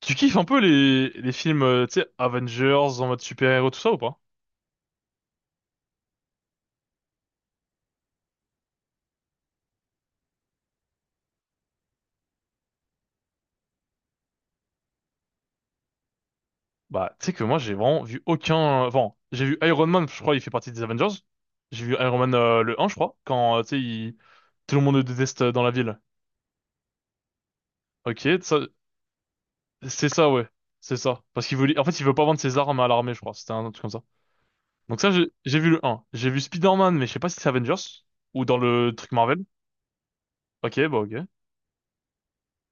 Tu kiffes un peu les films, tu sais, Avengers en mode super-héros, tout ça ou pas? Bah, tu sais que moi, j'ai vraiment vu aucun... Enfin, j'ai vu Iron Man, je crois, il fait partie des Avengers. J'ai vu Iron Man le 1, je crois, quand, tu sais, tout le monde le déteste dans la ville. Ok, ça... c'est ça, ouais. C'est ça. Parce qu'il veut... En fait, il veut pas vendre ses armes à l'armée, je crois. C'était un truc comme ça. Donc ça, j'ai vu le 1. J'ai vu Spider-Man, mais je sais pas si c'est Avengers ou dans le truc Marvel. Ok, bah ok.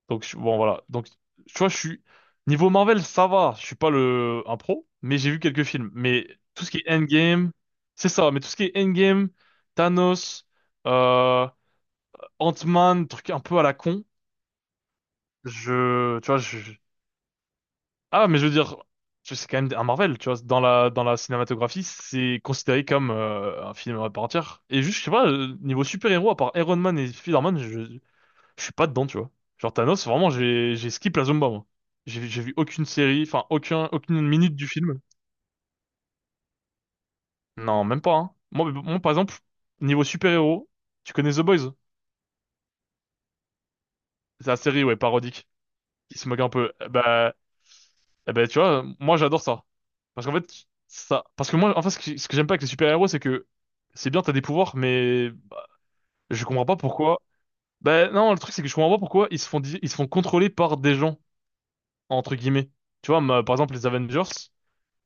Donc, bon, voilà. Donc, tu vois, je suis. Niveau Marvel, ça va. Je suis pas le... un pro, mais j'ai vu quelques films. Mais tout ce qui est Endgame, c'est ça. Mais tout ce qui est Endgame, Thanos, euh, Ant-Man, truc un peu à la con. Je. Tu vois. Ah, mais je veux dire, c'est quand même un Marvel, tu vois. Dans la cinématographie, c'est considéré comme un film à part entière. Et juste, je sais pas, niveau super-héros, à part Iron Man et Spider-Man, je... Je suis pas dedans, tu vois. Genre Thanos, vraiment, j'ai skip la Zumba, moi. J'ai vu aucune série, enfin aucun aucune minute du film. Non, même pas, hein. Moi, moi par exemple, niveau super-héros, tu connais The Boys? C'est la série, ouais, parodique, qui se moque un peu. Eh ben, tu vois, moi j'adore ça. Parce qu'en fait, ça. Parce que moi, en fait, ce que j'aime pas avec les super-héros, c'est que c'est bien, t'as des pouvoirs, mais bah, je comprends pas pourquoi. Bah non, le truc, c'est que je comprends pas pourquoi ils se font, ils se font contrôler par des gens, entre guillemets. Tu vois, par exemple, les Avengers.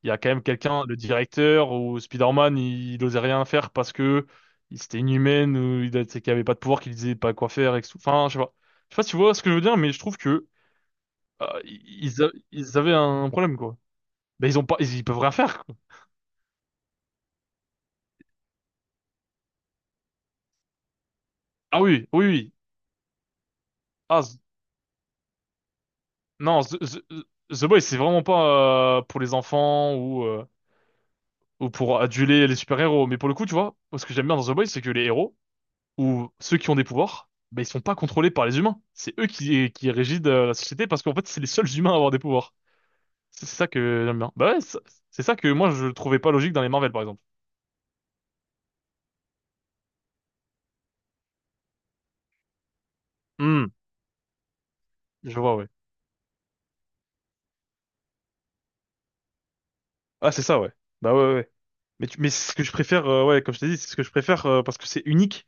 Il y a quand même quelqu'un, le directeur ou Spider-Man, il osait rien faire parce que c'était inhumaine ou c'est qu'il avait pas de pouvoir, qu'il disait pas quoi faire et que tout. Enfin, je sais pas. Je sais pas si tu vois ce que je veux dire, mais je trouve que ils avaient un problème quoi. Ben ils ont pas, ils peuvent rien faire quoi. Ah oui, oui, oui. Ah, non, The Boys c'est vraiment pas pour les enfants ou pour aduler les super-héros, mais pour le coup, tu vois, ce que j'aime bien dans The Boys, c'est que les héros où ceux qui ont des pouvoirs, ben, ils sont pas contrôlés par les humains. C'est eux qui régissent la société parce qu'en fait, c'est les seuls humains à avoir des pouvoirs. C'est ça que j'aime bien. Bah ouais, c'est ça que moi je trouvais pas logique dans les Marvel par exemple. Hmm, je vois, ouais. Ah, c'est ça, ouais. Bah ouais, ouais. Ouais. Mais, mais c'est ce que je préfère, ouais, comme je t'ai dit, c'est ce que je préfère parce que c'est unique.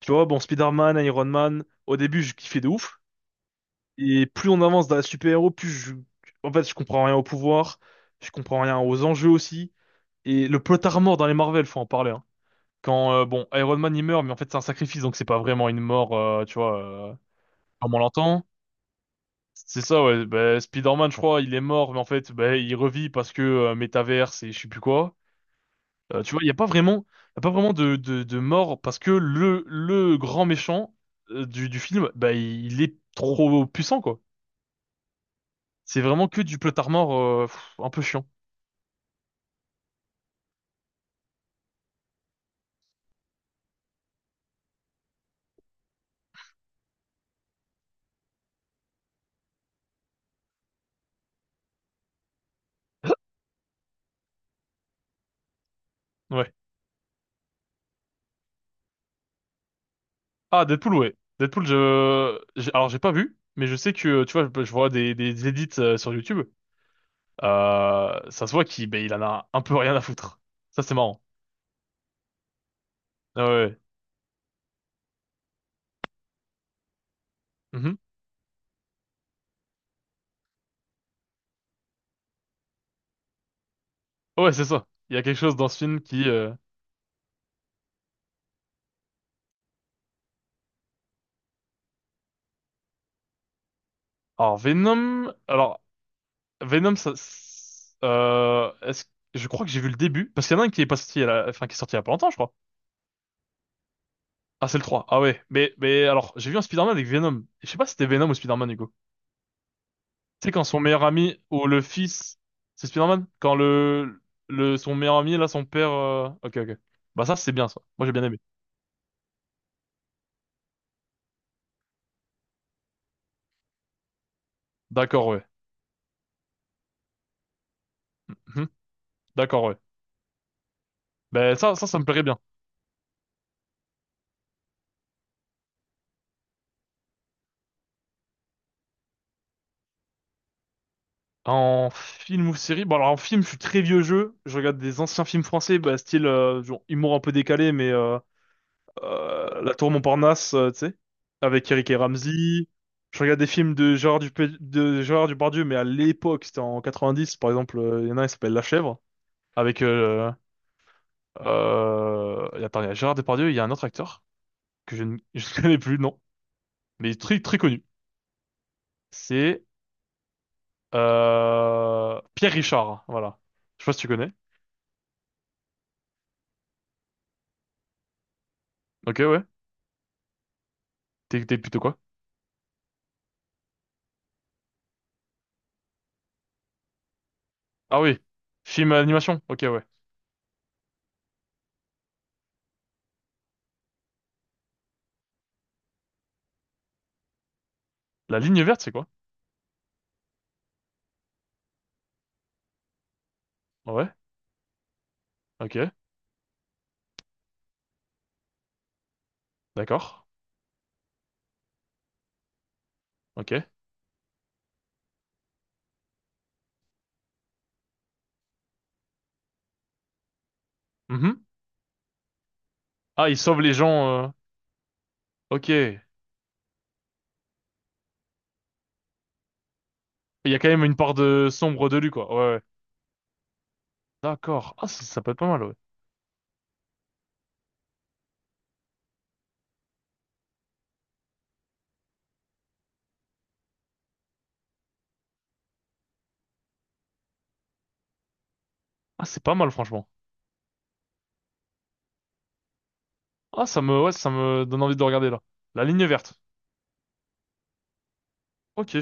Tu vois, bon, Spider-Man, Iron Man, au début, je kiffais de ouf. Et plus on avance dans la super-héros, plus je... En fait, je comprends rien au pouvoir, je comprends rien aux enjeux aussi. Et le plot armor dans les Marvel, faut en parler, hein. Quand, bon, Iron Man, il meurt, mais en fait, c'est un sacrifice, donc c'est pas vraiment une mort, tu vois, comme on l'entend. C'est ça, ouais. Bah, Spider-Man, je crois, il est mort, mais en fait, bah, il revit parce que métaverse et je sais plus quoi. Tu vois, il y a pas vraiment, y a pas vraiment de mort parce que le grand méchant du film, bah, il, est trop puissant, quoi. C'est vraiment que du plotard mort, un peu chiant. Ouais. Ah, Deadpool, ouais. Deadpool, je... Alors, j'ai pas vu, mais je sais que, tu vois, je vois des, edits sur YouTube. Ça se voit qu'il ben, il en a un peu rien à foutre. Ça, c'est marrant. Ah ouais, ouais. Mhm. Ouais, c'est ça. Il y a quelque chose dans ce film qui... Alors, Venom... Alors, Venom, ça... est-ce... Je crois que j'ai vu le début. Parce qu'il y en a un qui est pas sorti, enfin, qui est sorti il y a pas longtemps, je crois. Ah, c'est le trois. Ah ouais. Mais alors, j'ai vu un Spider-Man avec Venom. Je sais pas si c'était Venom ou Spider-Man, Hugo. Tu sais, quand son meilleur ami ou le fils... C'est Spider-Man? Quand le... Son meilleur ami, là, son père... Ok, ok. Bah ça, c'est bien, ça. Moi, j'ai bien aimé. D'accord, ouais. Mhm. D'accord, ouais. Ben ça me plairait bien. En film ou série, bon alors en film, je suis très vieux jeu. Je regarde des anciens films français, bah, style genre, humour un peu décalé, mais La Tour Montparnasse, tu sais, avec Eric et Ramzy. Je regarde des films de Gérard Depardieu, mais à l'époque, c'était en 90, par exemple, il y en a un qui s'appelle La Chèvre, avec et attends, il y a Gérard Depardieu, il y a un autre acteur que je ne je ne connais plus, non, mais très très connu. C'est Pierre Richard, voilà. Je sais pas si tu connais. Ok, ouais. T'es plutôt quoi? Ah oui. Film animation. Ok, ouais. La ligne verte, c'est quoi? Ouais. Ok. D'accord. Ok. Mhm. Ah, il sauve les gens. Ok. Il y a quand même une part de sombre de lui, quoi. Ouais, ouais. D'accord. Ah, ça peut être pas mal, ouais. Ah, c'est pas mal, franchement. Ah, ça me, ouais, ça me donne envie de le regarder, là. La ligne verte. Ok, je,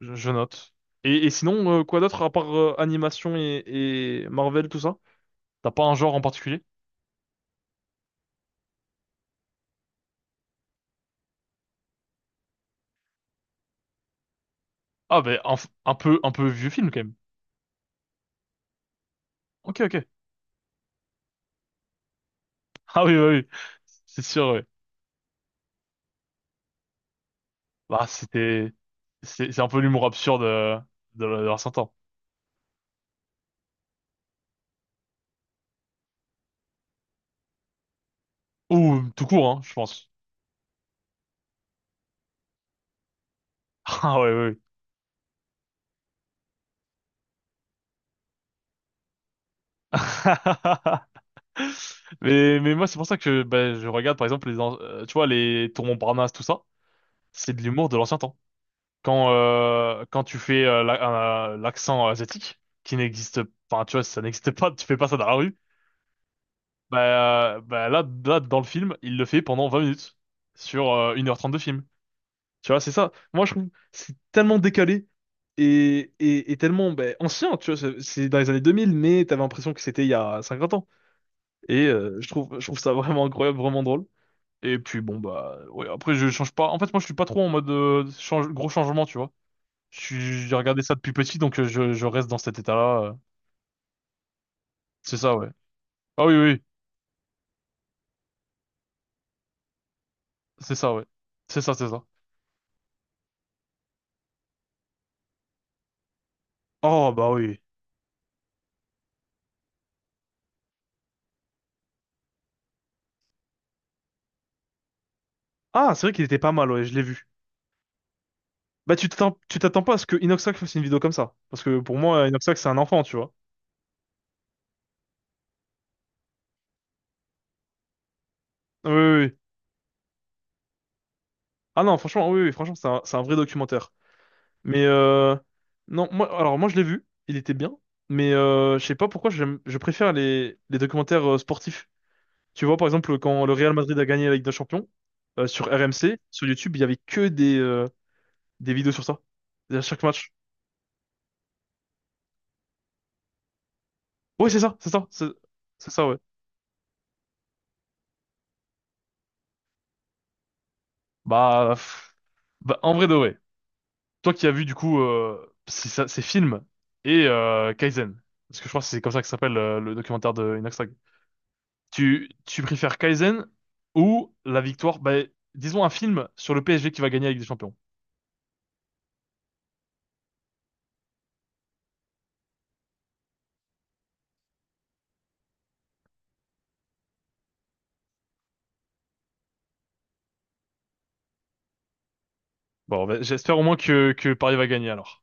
je note. Et, sinon, quoi d'autre à part animation et Marvel, tout ça? T'as pas un genre en particulier? Ah, ben, un peu vieux film, quand même. Ok, ok. Ah oui, bah oui, c'est sûr, oui. Bah, c'est un peu l'humour absurde de l'ancien temps. Ou tout court, hein, je pense. Ah ouais, ouais. Ouais. Mais moi, c'est pour ça que bah, je regarde, par exemple, tu vois, les tourments Montparnasse, tout ça, c'est de l'humour de l'ancien temps. Quand tu fais l'accent asiatique, qui n'existe, enfin, tu vois, ça n'existe pas, tu fais pas ça dans la rue, bah, là, là, dans le film, il le fait pendant 20 minutes, sur 1h30 de film. Tu vois, c'est ça. Moi, je trouve que c'est tellement décalé et, et tellement ben, ancien. Tu vois, c'est dans les années 2000, mais t'avais l'impression que c'était il y a 50 ans. Et je trouve ça vraiment incroyable, vraiment drôle. Et puis bon bah ouais, après je change pas. En fait, moi, je suis pas trop en mode gros changement, tu vois. J'ai regardé ça depuis petit, donc je reste dans cet état-là. C'est ça, ouais. Ah oui, oui, oui. C'est ça, ouais. C'est ça, c'est ça. Oh bah oui. Ah, c'est vrai qu'il était pas mal, ouais, je l'ai vu. Bah, tu t'attends pas à ce que Inoxac fasse une vidéo comme ça. Parce que pour moi, Inoxac, c'est un enfant, tu vois. Oui, oui, oui. Ah non, franchement, oui, oui, franchement, c'est un vrai documentaire. Mais non, moi, alors moi, je l'ai vu, il était bien. Mais je sais pas pourquoi je préfère les documentaires sportifs. Tu vois, par exemple, quand le Real Madrid a gagné la Ligue des Champions, sur RMC, sur YouTube, il y avait que des vidéos sur ça. À chaque match. Oui, c'est ça, c'est ça, c'est ça, ouais. Bah, pff, bah, en vrai de vrai. Toi qui as vu du coup ces films et Kaizen, parce que je crois que c'est comme ça que s'appelle le documentaire de Inoxtag. Tu préfères Kaizen ou la victoire, bah, disons un film sur le PSG qui va gagner avec des Champions. Bon, bah, j'espère au moins que Paris va gagner alors.